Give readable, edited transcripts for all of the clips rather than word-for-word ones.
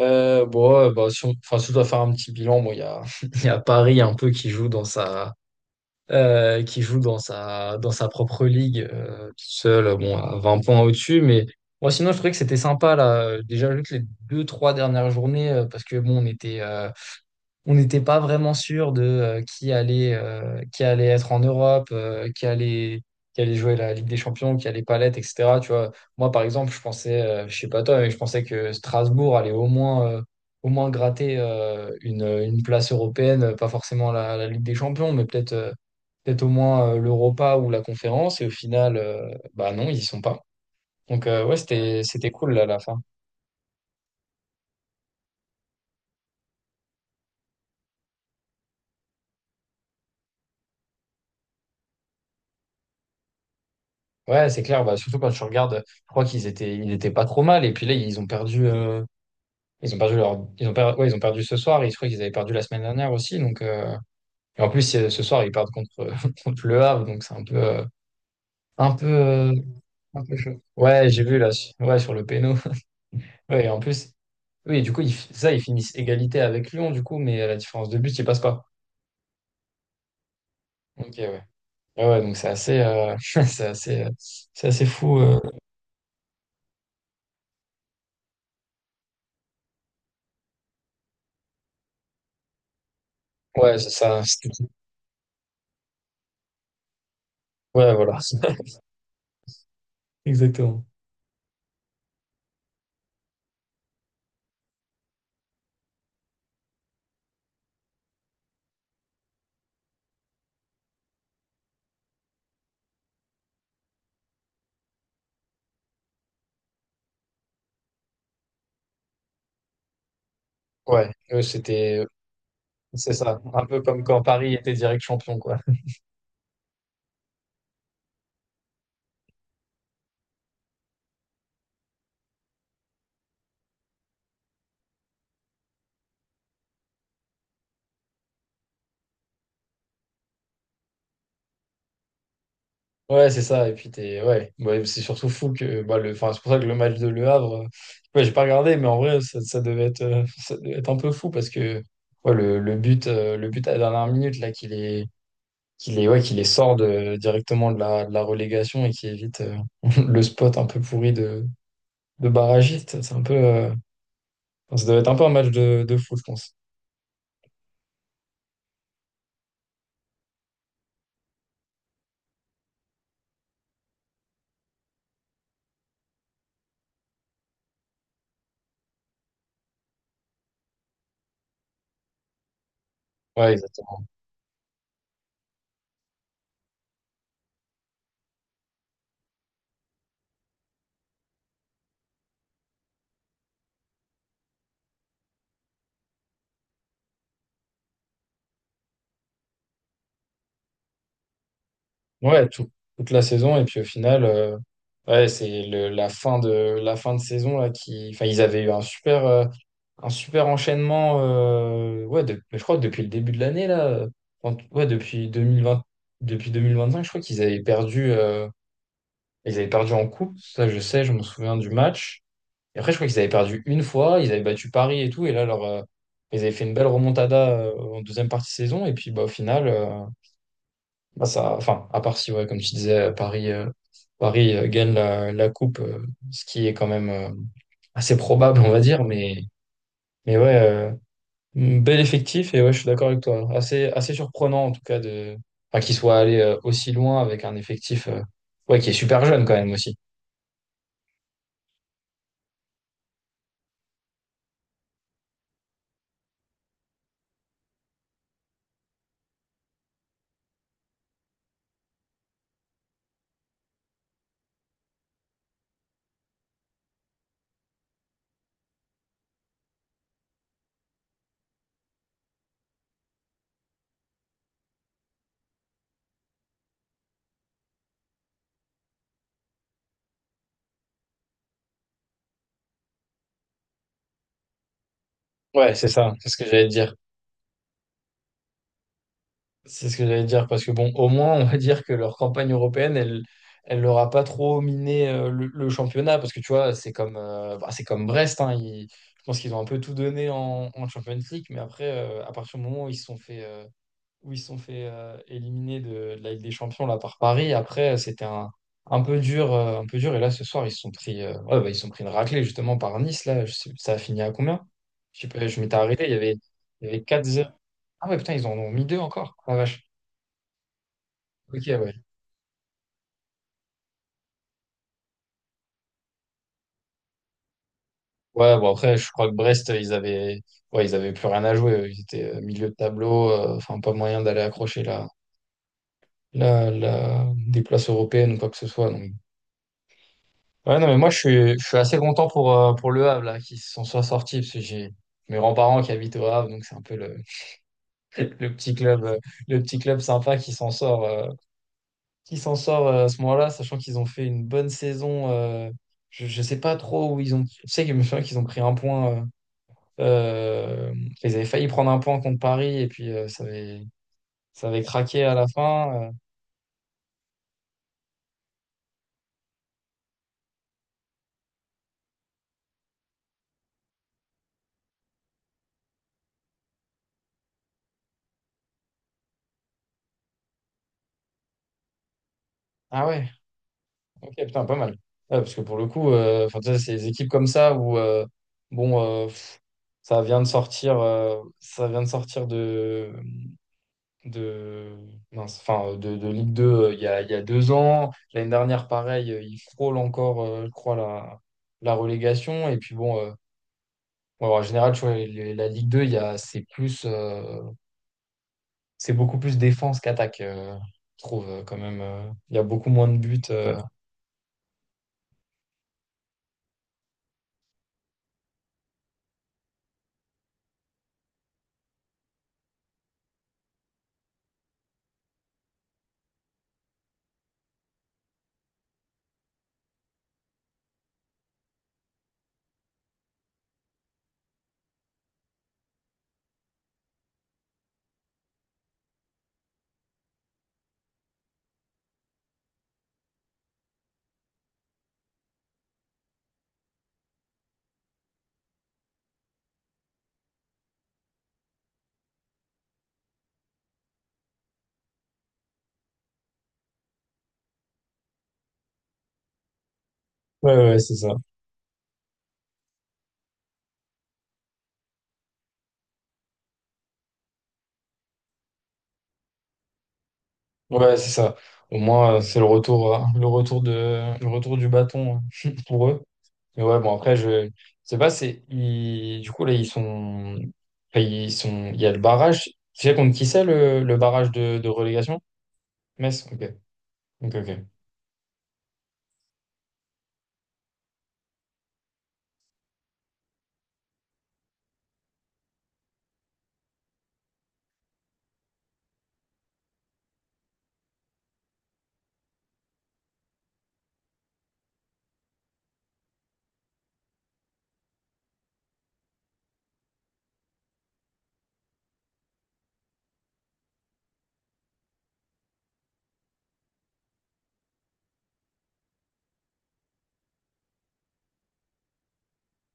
Si on, si on doit faire un petit bilan, bon, il y a, il y a Paris un peu qui joue dans qui joue dans dans sa propre ligue, tout seul, bon, à 20 points au-dessus. Mais moi, sinon, je trouvais que c'était sympa, là. Déjà, juste les deux, trois dernières journées, parce que, bon, on était, on n'était pas vraiment sûr de qui allait être en Europe, qui allait jouer la Ligue des Champions, qui allait pas l'être, etc. Tu vois, moi, par exemple, je pensais, je sais pas toi, mais je pensais que Strasbourg allait au moins gratter une place européenne, pas forcément la Ligue des Champions, mais peut-être au moins l'Europa ou la Conférence. Et au final, bah non, ils y sont pas. Donc, ouais, c'était cool là, à la fin. Ouais, c'est clair. Bah, surtout quand tu regardes, je crois ils étaient pas trop mal. Et puis là, ils ont ils ont perdu ouais, ils ont perdu ce soir. Et je crois qu'ils avaient perdu la semaine dernière aussi. Donc, et en plus, ce soir, ils perdent contre le Havre. Donc, c'est un peu, un peu, euh, un peu chaud. Ouais, j'ai vu là, ouais, sur le péno. Ouais, et en plus, oui, du coup, ils finissent égalité avec Lyon, du coup, mais à la différence de but, ils passent pas. Ok, ouais. Ouais, ouais, donc c'est assez, c'est assez, euh, c'est assez fou. Ouais, c'est ça. Ouais, voilà. Exactement. Ouais, eux, c'est ça, un peu comme quand Paris était direct champion, quoi. Ouais, c'est ça, et puis ouais, c'est surtout fou que, bah, c'est pour ça que le match de Le Havre, ouais, j'ai pas regardé, mais en vrai, ça devait être un peu fou parce que, ouais, le but à la dernière minute, là, ouais, qui les sort de, directement de de la relégation et qui évite, le spot un peu pourri de barragiste, c'est un peu, enfin, ça devait être un peu un match de fou, je pense. Ouais, Ouais, toute la saison. Et puis au final, ouais, la fin de saison là, qui, enfin, ils avaient eu un super enchaînement. Ouais, je crois que depuis le début de l'année, là, ouais, depuis 2020, depuis cinq je crois qu'ils avaient ils avaient perdu en coupe. Ça, je sais, je me souviens du match. Et après, je crois qu'ils avaient perdu une fois. Ils avaient battu Paris et tout. Et là, ils avaient fait une belle remontada, en deuxième partie de saison. Et puis, bah, au final. Bah, enfin, à part si, ouais, comme tu disais, Paris gagne la coupe, ce qui est quand même assez probable, on va dire. Mais ouais, bel effectif. Et ouais, je suis d'accord avec toi. Assez surprenant, en tout cas, de, enfin, qu'il soit allé aussi loin avec un effectif ouais, qui est super jeune quand même aussi. Ouais, c'est ça, c'est ce que j'allais te dire. C'est ce que j'allais dire, parce que bon, au moins, on va dire que leur campagne européenne, elle leur a pas trop miné le championnat, parce que tu vois, c'est comme, c'est comme Brest, hein, je pense qu'ils ont un peu tout donné en Champions League, mais après, à partir du moment où ils se sont où ils se sont fait éliminer de la Ligue des Champions là, par Paris, après, c'était un peu dur, et là, ce soir, ils se sont ouais, bah, ils se sont pris une raclée, justement, par Nice, là, ça a fini à combien? Je sais pas, je m'étais arrêté, il y avait quatre 0 Ah ouais, putain, ils en ont mis deux encore, la vache. Ok, ouais. Ouais, bon, après, je crois que ouais, ils avaient plus rien à jouer. Ils étaient milieu de tableau, enfin, pas moyen d'aller accrocher des places européennes ou quoi que ce soit. Donc. Ouais, non, mais moi, je suis assez content pour Le Havre, là, qui se sont soit sortis, parce que j'ai mes grands-parents qui habitent au Havre, donc c'est un peu le, le petit club, euh, le petit club sympa qui s'en sort à ce moment-là, sachant qu'ils ont fait une bonne saison. Je sais pas trop où ils ont, je sais que je me souviens qu'ils ont pris un point. Euh, ils avaient failli prendre un point contre Paris et puis ça avait craqué à la fin. Ah ouais, ok, putain, pas mal. Ouais, parce que pour le coup, enfin, tu sais, ces équipes comme ça où bon, euh, pff, ça vient de sortir, ça vient de sortir de, mince, de Ligue 2 il y a deux ans. L'année dernière, pareil, ils frôlent encore, je crois, la relégation. Et puis bon, bon, en général, tu vois, la Ligue 2 il y a, c'est plus. C'est beaucoup plus défense qu'attaque, je trouve quand même. Il y a beaucoup moins de buts. Ouais, ouais, c'est ça. Ouais, c'est ça. Au moins, c'est le retour, le retour du bâton pour eux. Mais ouais, bon, après, je sais pas, du coup, là, ils sont, il y a le barrage. Tu sais contre qui c'est le barrage de relégation? Metz? Ok. Ok, ok.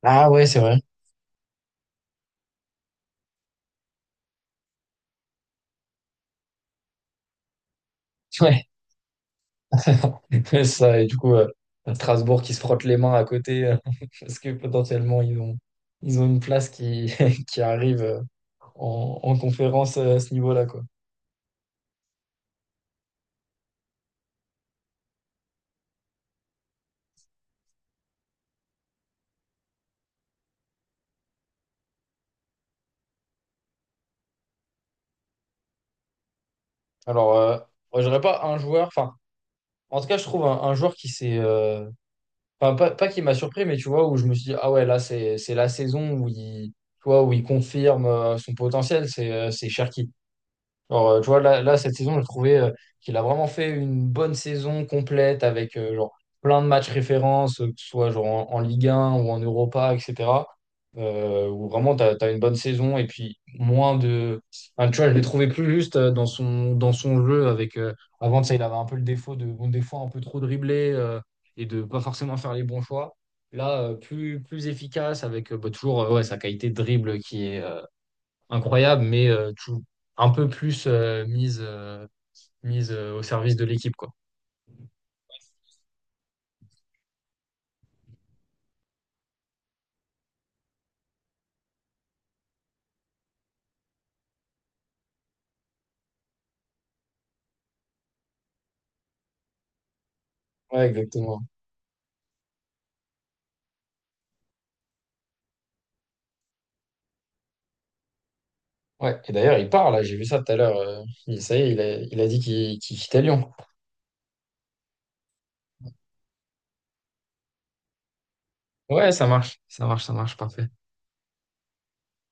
Ah ouais, c'est vrai. C'est ça, et du coup, Strasbourg qui se frotte les mains à côté, parce que potentiellement, ils ont une place qui, qui arrive en conférence à ce niveau-là, quoi. Alors, moi, j'aurais pas un joueur, enfin, en tout cas, je trouve un joueur qui s'est, enfin, pas qui m'a surpris, mais tu vois, où je me suis dit, ah ouais, là, c'est la saison où il, tu vois, où il confirme son potentiel, c'est Cherki. Genre, tu vois, là, cette saison, j'ai trouvé qu'il a vraiment fait une bonne saison complète avec genre, plein de matchs références, que ce soit genre, en Ligue 1 ou en Europa, etc. Où vraiment, tu as, une bonne saison et puis moins de. Enfin, tu vois, je l'ai trouvé plus juste dans dans son jeu. Avec, avant, ça, il avait un peu le défaut de, bon, des fois, un peu trop dribbler et de pas forcément faire les bons choix. Là, plus efficace avec toujours ouais, sa qualité de dribble qui est incroyable, un peu plus mise au service de l'équipe, quoi. Ouais, exactement. Ouais. Et d'ailleurs, il part, là, j'ai vu ça tout à l'heure. Ça y est, il a dit qu'il quittait Lyon. Ouais, ça marche, ça marche, ça marche, parfait.